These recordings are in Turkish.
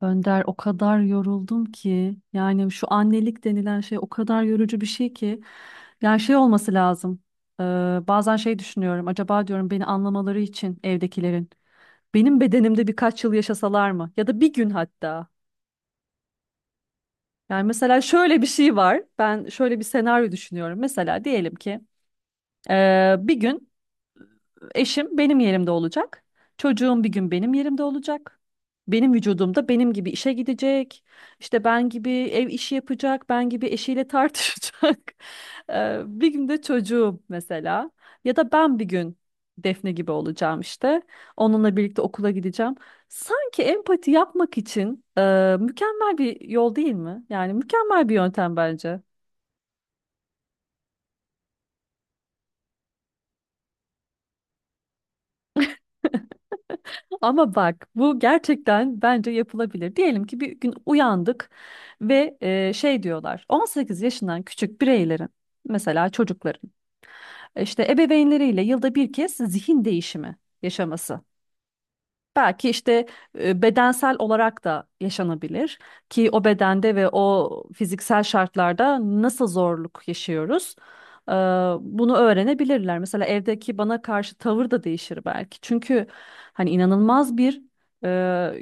Önder, o kadar yoruldum ki yani şu annelik denilen şey o kadar yorucu bir şey ki. Yani şey olması lazım. Ee, Bazen şey düşünüyorum, acaba diyorum beni anlamaları için evdekilerin benim bedenimde birkaç yıl yaşasalar mı ya da bir gün hatta. Yani mesela şöyle bir şey var, ben şöyle bir senaryo düşünüyorum, mesela diyelim ki bir gün eşim benim yerimde olacak. Çocuğum bir gün benim yerimde olacak. Benim vücudumda benim gibi işe gidecek. İşte ben gibi ev işi yapacak. Ben gibi eşiyle tartışacak. Bir gün de çocuğum mesela. Ya da ben bir gün Defne gibi olacağım işte. Onunla birlikte okula gideceğim. Sanki empati yapmak için mükemmel bir yol değil mi? Yani mükemmel bir yöntem bence. Ama bak, bu gerçekten bence yapılabilir. Diyelim ki bir gün uyandık ve şey diyorlar, 18 yaşından küçük bireylerin, mesela çocukların, işte ebeveynleriyle yılda 1 kez zihin değişimi yaşaması. Belki işte bedensel olarak da yaşanabilir, ki o bedende ve o fiziksel şartlarda nasıl zorluk yaşıyoruz, e, bunu öğrenebilirler. Mesela evdeki bana karşı tavır da değişir belki. Çünkü hani inanılmaz bir e,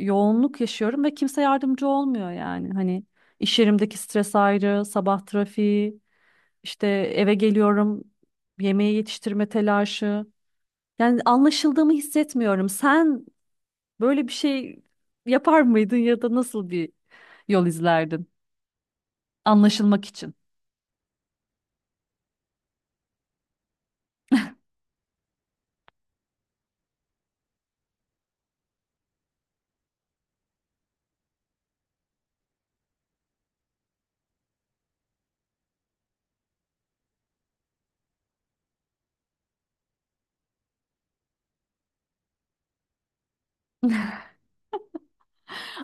yoğunluk yaşıyorum ve kimse yardımcı olmuyor yani. Hani iş yerimdeki stres ayrı, sabah trafiği, işte eve geliyorum, yemeği yetiştirme telaşı. Yani anlaşıldığımı hissetmiyorum. Sen böyle bir şey yapar mıydın ya da nasıl bir yol izlerdin? Anlaşılmak için.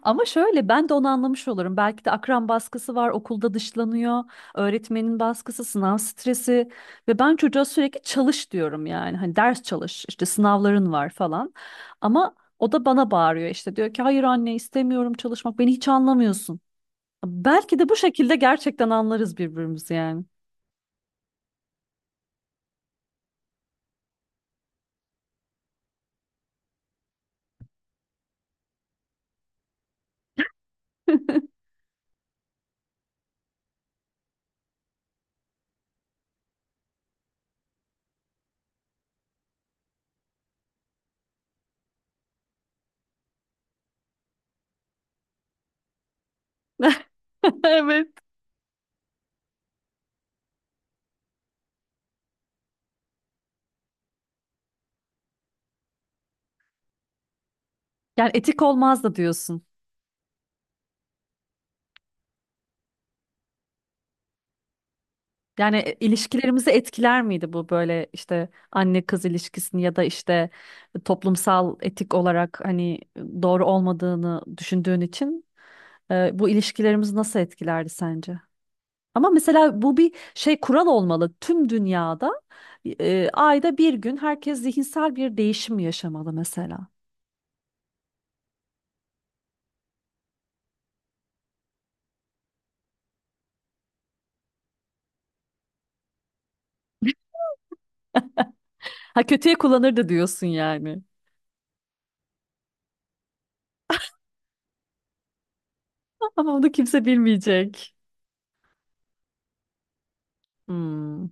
Ama şöyle, ben de onu anlamış olurum. Belki de akran baskısı var, okulda dışlanıyor, öğretmenin baskısı, sınav stresi ve ben çocuğa sürekli çalış diyorum yani. Hani ders çalış, işte sınavların var falan. Ama o da bana bağırıyor, işte diyor ki hayır anne istemiyorum çalışmak, beni hiç anlamıyorsun. Belki de bu şekilde gerçekten anlarız birbirimizi yani. Evet. Yani etik olmaz da diyorsun. Yani ilişkilerimizi etkiler miydi bu, böyle işte anne kız ilişkisini ya da işte toplumsal etik olarak hani doğru olmadığını düşündüğün için bu ilişkilerimizi nasıl etkilerdi sence? Ama mesela bu bir şey kural olmalı. Tüm dünyada ayda 1 gün herkes zihinsel bir değişim yaşamalı mesela. Ha, kötüye kullanırdı diyorsun yani. Ama onu kimse bilmeyecek. Hmm.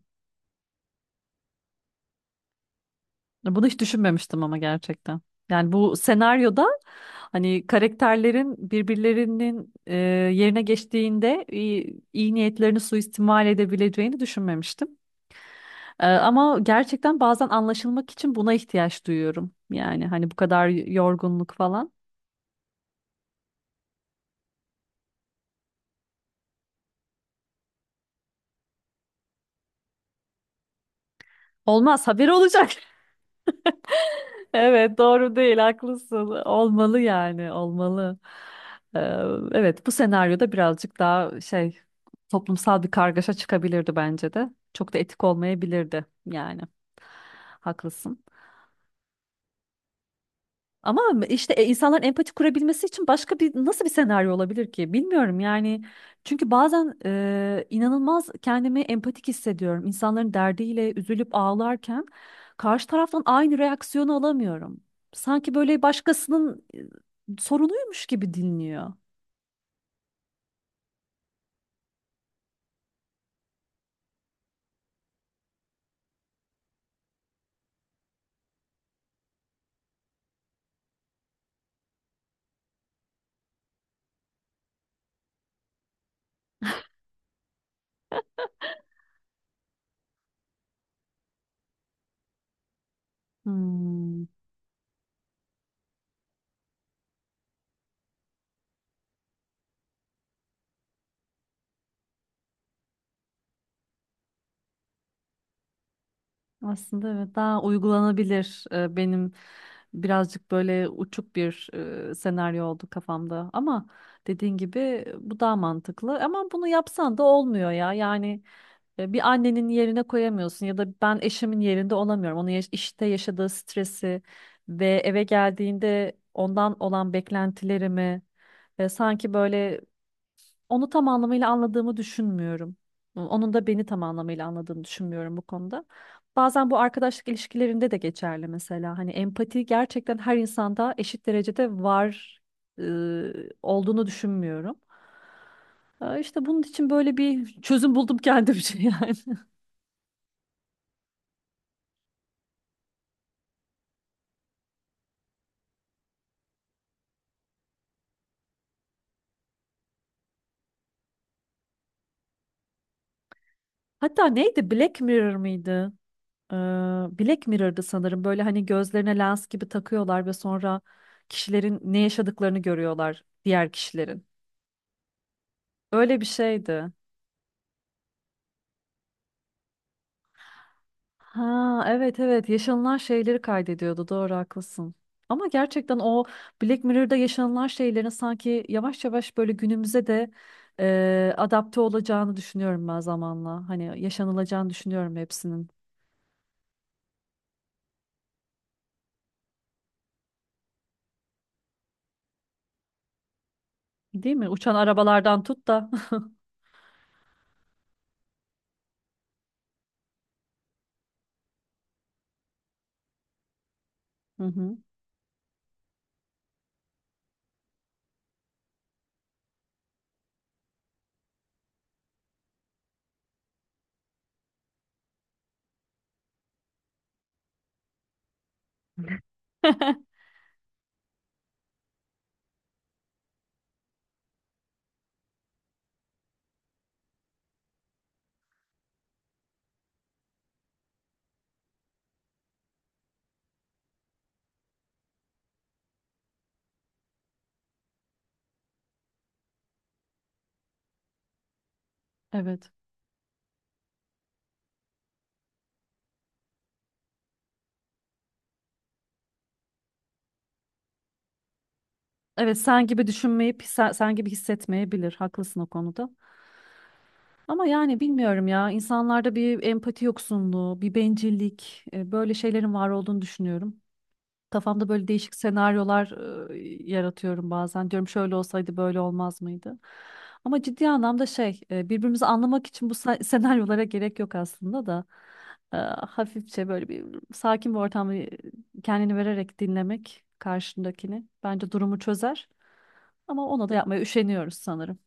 Bunu hiç düşünmemiştim ama gerçekten. Yani bu senaryoda hani karakterlerin birbirlerinin yerine geçtiğinde iyi niyetlerini suistimal edebileceğini düşünmemiştim. Ama gerçekten bazen anlaşılmak için buna ihtiyaç duyuyorum. Yani hani bu kadar yorgunluk falan. Olmaz, haberi olacak. Evet, doğru değil, haklısın. Olmalı yani, olmalı. Ee, evet, bu senaryoda birazcık daha şey, toplumsal bir kargaşa çıkabilirdi bence de. Çok da etik olmayabilirdi yani. Haklısın. Ama işte insanların empati kurabilmesi için başka bir, nasıl bir senaryo olabilir ki? Bilmiyorum yani. Çünkü bazen inanılmaz kendimi empatik hissediyorum. İnsanların derdiyle üzülüp ağlarken karşı taraftan aynı reaksiyonu alamıyorum. Sanki böyle başkasının sorunuymuş gibi dinliyor. Hmm. Aslında evet, daha uygulanabilir benim, birazcık böyle uçuk bir senaryo oldu kafamda ama dediğin gibi bu daha mantıklı ama bunu yapsan da olmuyor ya yani. Bir annenin yerine koyamıyorsun ya da ben eşimin yerinde olamıyorum, onun işte yaşadığı stresi ve eve geldiğinde ondan olan beklentilerimi, sanki böyle onu tam anlamıyla anladığımı düşünmüyorum. Onun da beni tam anlamıyla anladığını düşünmüyorum bu konuda. Bazen bu arkadaşlık ilişkilerinde de geçerli mesela. Hani empati gerçekten her insanda eşit derecede var e, olduğunu düşünmüyorum. İşte bunun için böyle bir çözüm buldum kendimce. Yani. Hatta neydi? Black Mirror mıydı? Ee, Black Mirror'dı sanırım. Böyle hani gözlerine lens gibi takıyorlar ve sonra kişilerin ne yaşadıklarını görüyorlar, diğer kişilerin. Öyle bir şeydi. Ha evet, evet, yaşanılan şeyleri kaydediyordu, doğru, haklısın. Ama gerçekten o Black Mirror'da yaşanılan şeylerin sanki yavaş yavaş böyle günümüze de adapte olacağını düşünüyorum ben zamanla. Hani yaşanılacağını düşünüyorum hepsinin. Değil mi? Uçan arabalardan tut da. Hı hı. Evet. Evet, sen gibi düşünmeyip sen gibi hissetmeyebilir. Haklısın o konuda. Ama yani bilmiyorum ya, insanlarda bir empati yoksunluğu, bir bencillik, böyle şeylerin var olduğunu düşünüyorum. Kafamda böyle değişik senaryolar yaratıyorum bazen. Diyorum şöyle olsaydı böyle olmaz mıydı? Ama ciddi anlamda şey, birbirimizi anlamak için bu senaryolara gerek yok aslında da. E, Hafifçe böyle bir, sakin bir ortamda kendini vererek dinlemek karşındakini bence durumu çözer. Ama ona da yapmaya üşeniyoruz sanırım.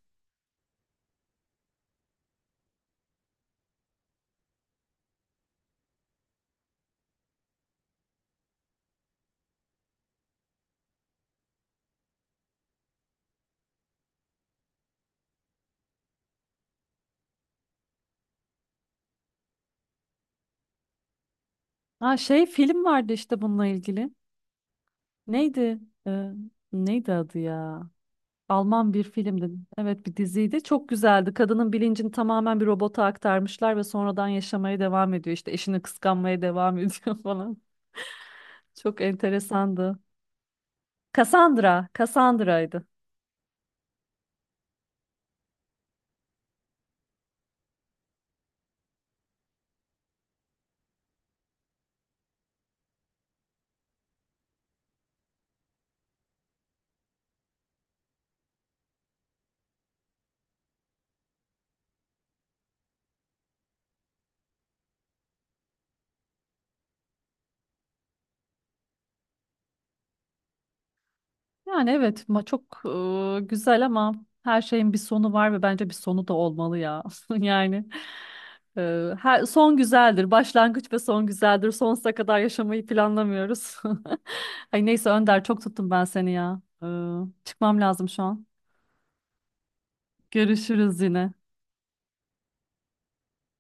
Ha, şey film vardı işte bununla ilgili. Neydi? Ee, Neydi adı ya? Alman bir filmdi. Evet, bir diziydi. Çok güzeldi. Kadının bilincini tamamen bir robota aktarmışlar ve sonradan yaşamaya devam ediyor. İşte eşini kıskanmaya devam ediyor falan. Çok enteresandı. Cassandra. Cassandra'ydı. Yani evet ma çok güzel ama her şeyin bir sonu var ve bence bir sonu da olmalı ya. Yani her, son güzeldir. Başlangıç ve son güzeldir. Sonsuza kadar yaşamayı planlamıyoruz. Ay neyse Önder, çok tuttum ben seni ya. Çıkmam lazım şu an. Görüşürüz yine.